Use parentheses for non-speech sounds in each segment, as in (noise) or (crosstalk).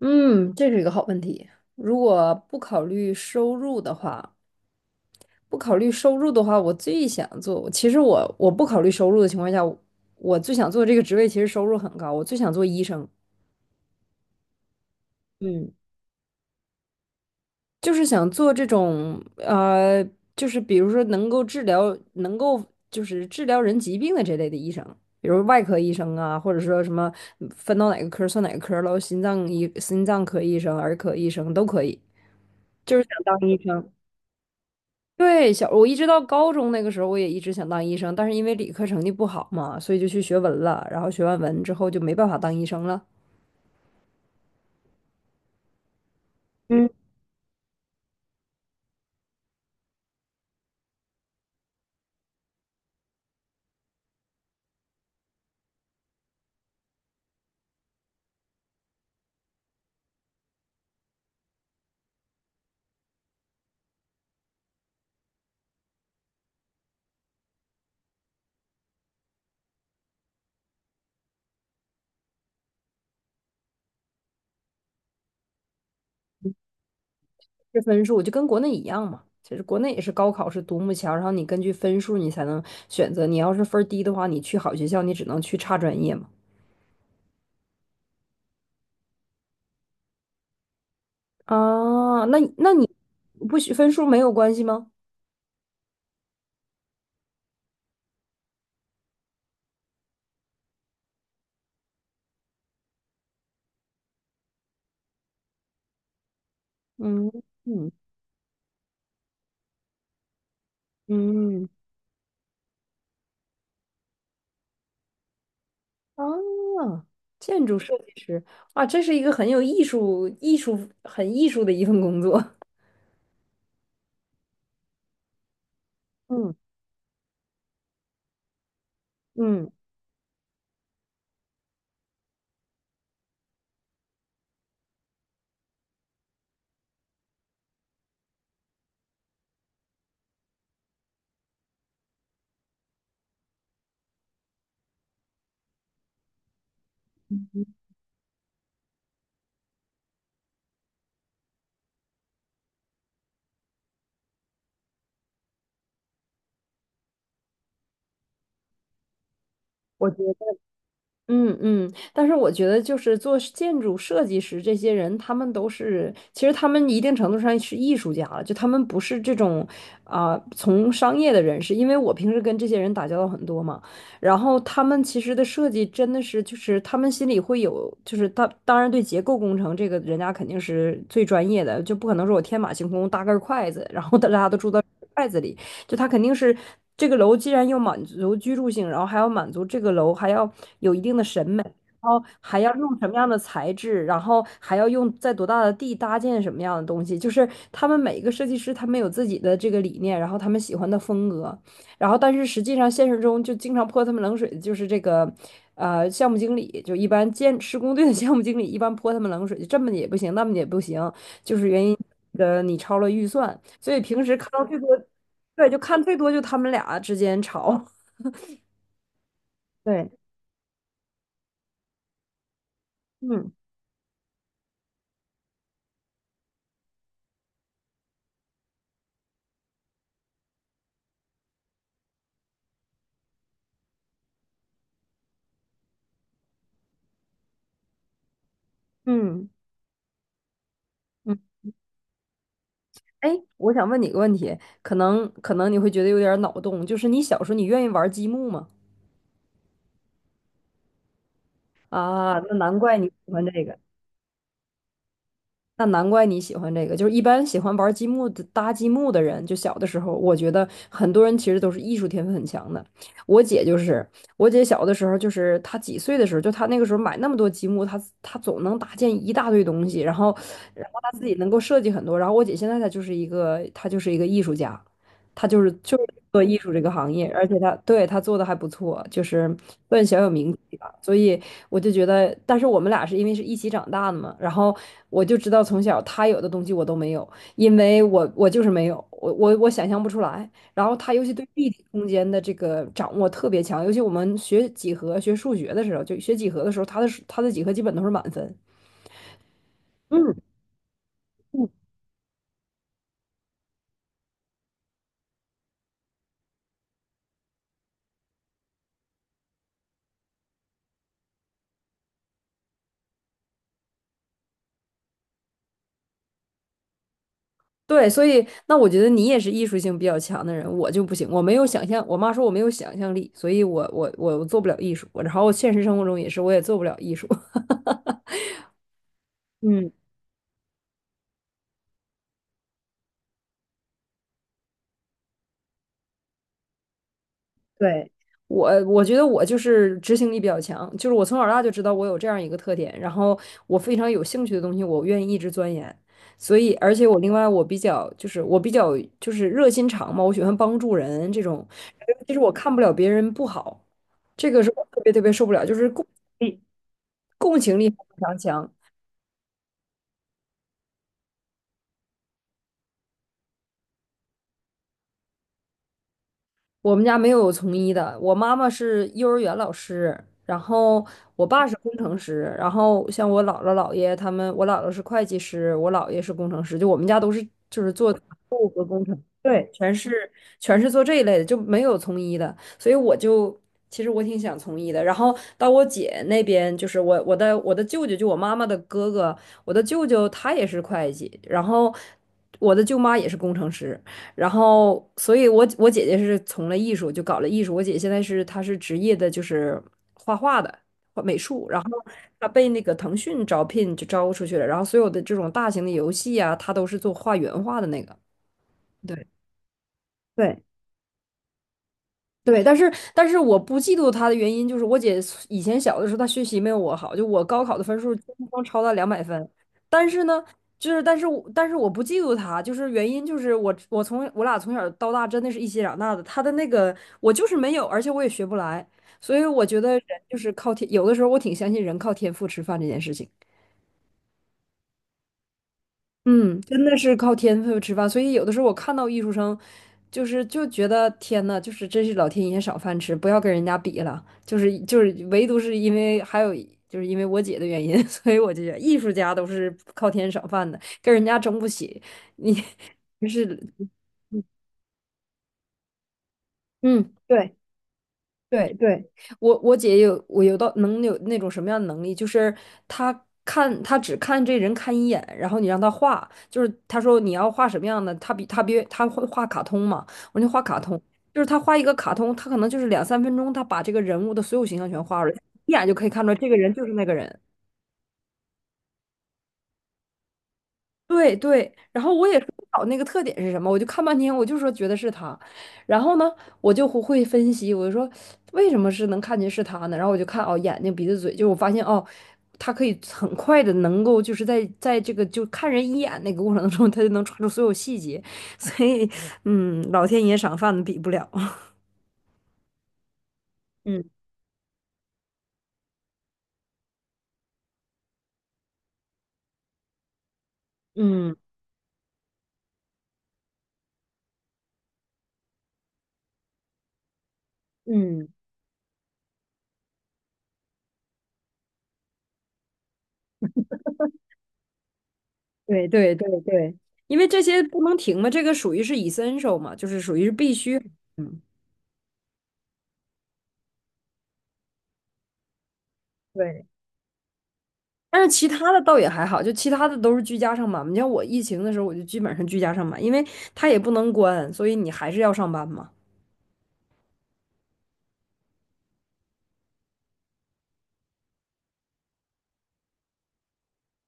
嗯，这是一个好问题。如果不考虑收入的话，我最想做，其实我不考虑收入的情况下，我最想做这个职位，其实收入很高，我最想做医生。嗯，就是想做这种就是比如说能够治疗，能够就是治疗人疾病的这类的医生，比如外科医生啊，或者说什么分到哪个科儿算哪个科儿喽，心脏科医生、儿科医生都可以，就是想当医生。对，我一直到高中那个时候，我也一直想当医生，但是因为理科成绩不好嘛，所以就去学文了。然后学完文之后就没办法当医生了，嗯，这分数就跟国内一样嘛。其实国内也是高考是独木桥，然后你根据分数你才能选择。你要是分儿低的话，你去好学校，你只能去差专业嘛。啊，那你不许分数没有关系吗？嗯嗯嗯啊，建筑设计师啊，这是一个很有艺术很艺术的一份工作。嗯嗯，我觉得，但是我觉得就是做建筑设计师这些人，他们都是，其实他们一定程度上是艺术家了，就他们不是这种从商业的人士，因为我平时跟这些人打交道很多嘛，然后他们其实的设计真的是，就是他们心里会有，就是他当然对结构工程这个人家肯定是最专业的，就不可能说我天马行空搭根筷子，然后大家都住到筷子里。就他肯定是这个楼既然要满足居住性，然后还要满足这个楼还要有一定的审美，然后还要用什么样的材质，然后还要用在多大的地搭建什么样的东西，就是他们每一个设计师他们有自己的这个理念，然后他们喜欢的风格，然后但是实际上现实中就经常泼他们冷水的就是这个。项目经理就一般建施工队的项目经理一般泼他们冷水，就这么也不行，那么也不行，就是原因你超了预算，所以平时看到最多对，就看最多就他们俩之间吵。(laughs) 对，嗯嗯嗯。哎，我想问你个问题，可能你会觉得有点脑洞，就是你小时候你愿意玩积木吗？啊，那难怪你喜欢这个。那难怪你喜欢这个，就是一般喜欢玩积木的、搭积木的人，就小的时候，我觉得很多人其实都是艺术天分很强的。我姐就是，我姐小的时候，就是她几岁的时候，就她那个时候买那么多积木，她总能搭建一大堆东西，然后，然后她自己能够设计很多。然后我姐现在她就是一个，她就是一个艺术家。他就是做艺术这个行业，而且他对他做的还不错，就是算小有名气吧。所以我就觉得，但是我们俩是因为是一起长大的嘛，然后我就知道从小他有的东西我都没有，因为我就是没有，我想象不出来。然后他尤其对立体空间的这个掌握特别强，尤其我们学几何、学数学的时候，就学几何的时候，他的几何基本都是满分。嗯，对，所以那我觉得你也是艺术性比较强的人，我就不行，我没有想象。我妈说我没有想象力，所以我做不了艺术。然后现实生活中也是，我也做不了艺术。(laughs) 嗯。对，我觉得我就是执行力比较强，就是我从小到大就知道我有这样一个特点，然后我非常有兴趣的东西，我愿意一直钻研。所以，而且我另外我比较就是热心肠嘛，我喜欢帮助人这种。其实我看不了别人不好，这个是我特别特别受不了，就是情力共情力非常强。我们家没有从医的，我妈妈是幼儿园老师，然后我爸是工程师，然后像我姥姥姥爷他们，我姥姥是会计师，我姥爷是工程师，就我们家都是就是做。对，全是做这一类的，就没有从医的，所以我就其实我挺想从医的。然后到我姐那边，就是我的舅舅，就我妈妈的哥哥，我的舅舅他也是会计，然后我的舅妈也是工程师，然后所以我姐姐是从了艺术，就搞了艺术。我姐现在是她是职业的，就是画画的。画美术，然后她被那个腾讯招聘就招出去了，然后所有的这种大型的游戏啊，她都是做画原画的那个。对。对，对，但是我不嫉妒她的原因就是我姐以前小的时候她学习没有我好，就我高考的分数轻松超她200分，但是呢，但是我不嫉妒她，就是原因就是我从我俩从小到大真的是一起长大的，她的那个我就是没有，而且我也学不来，所以我觉得人就是靠天，有的时候我挺相信人靠天赋吃饭这件事情。嗯，真的是靠天赋吃饭，所以有的时候我看到艺术生，就觉得天呐，就是真是老天爷赏饭吃，不要跟人家比了。唯独是因为还有就是因为我姐的原因，(laughs) 所以我就觉得艺术家都是靠天赏饭的，跟人家争不起。你 (laughs) 就是，嗯，对。对对，我我姐有我有到能有那种什么样的能力，就是她只看这人看一眼，然后你让她画，就是她说你要画什么样的，她比她别她会画卡通嘛，我就画卡通，就是她画一个卡通，她可能就是两三分钟，她把这个人物的所有形象全画出来，一眼就可以看出来这个人就是那个人。对对，然后我也说不好那个特点是什么，我就看半天，我就说觉得是他，然后呢，我就会分析，我就说为什么是能看见是他呢？然后我就看哦，眼睛、鼻子、嘴，就是我发现哦，他可以很快的能够就是在这个就看人一眼那个过程中，他就能抓住所有细节，(laughs) 所以嗯，老天爷赏饭的比不了。(laughs) 嗯嗯嗯，对对对对，因为这些不能停嘛，这个属于是 essential 嘛，就是属于是必须。嗯，对。但是其他的倒也还好，就其他的都是居家上班嘛。你像我疫情的时候，我就基本上居家上班，因为他也不能关，所以你还是要上班嘛。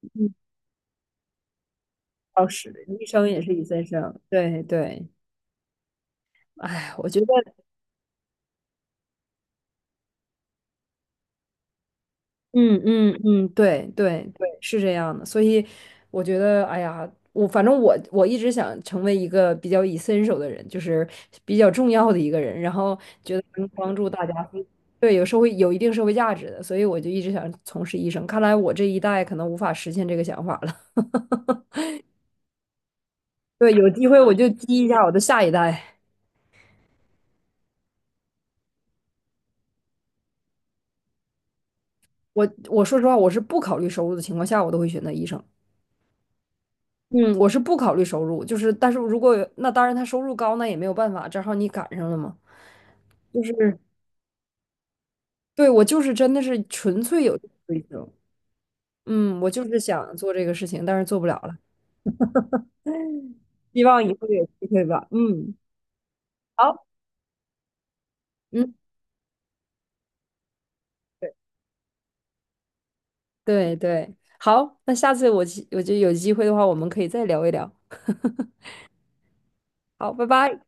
嗯，倒是，医生也是一线生。对对，哎，我觉得。嗯嗯嗯，对对对，是这样的。所以我觉得，哎呀，我反正我一直想成为一个比较以身手的人，就是比较重要的一个人，然后觉得能帮助大家，对，有一定社会价值的，所以我就一直想从事医生。看来我这一代可能无法实现这个想法了。(laughs) 对，有机会我就激一下我的下一代。我说实话，我是不考虑收入的情况下，我都会选择医生。嗯，我是不考虑收入，就是但是如果有那当然他收入高，那也没有办法，正好你赶上了嘛。就是对我就是真的是纯粹有这个追求，嗯，我就是想做这个事情，但是做不了了，希望以后有机会吧，嗯，好，嗯，对对对，好，那下次我觉得有机会的话，我们可以再聊一聊，(laughs) 好，拜拜。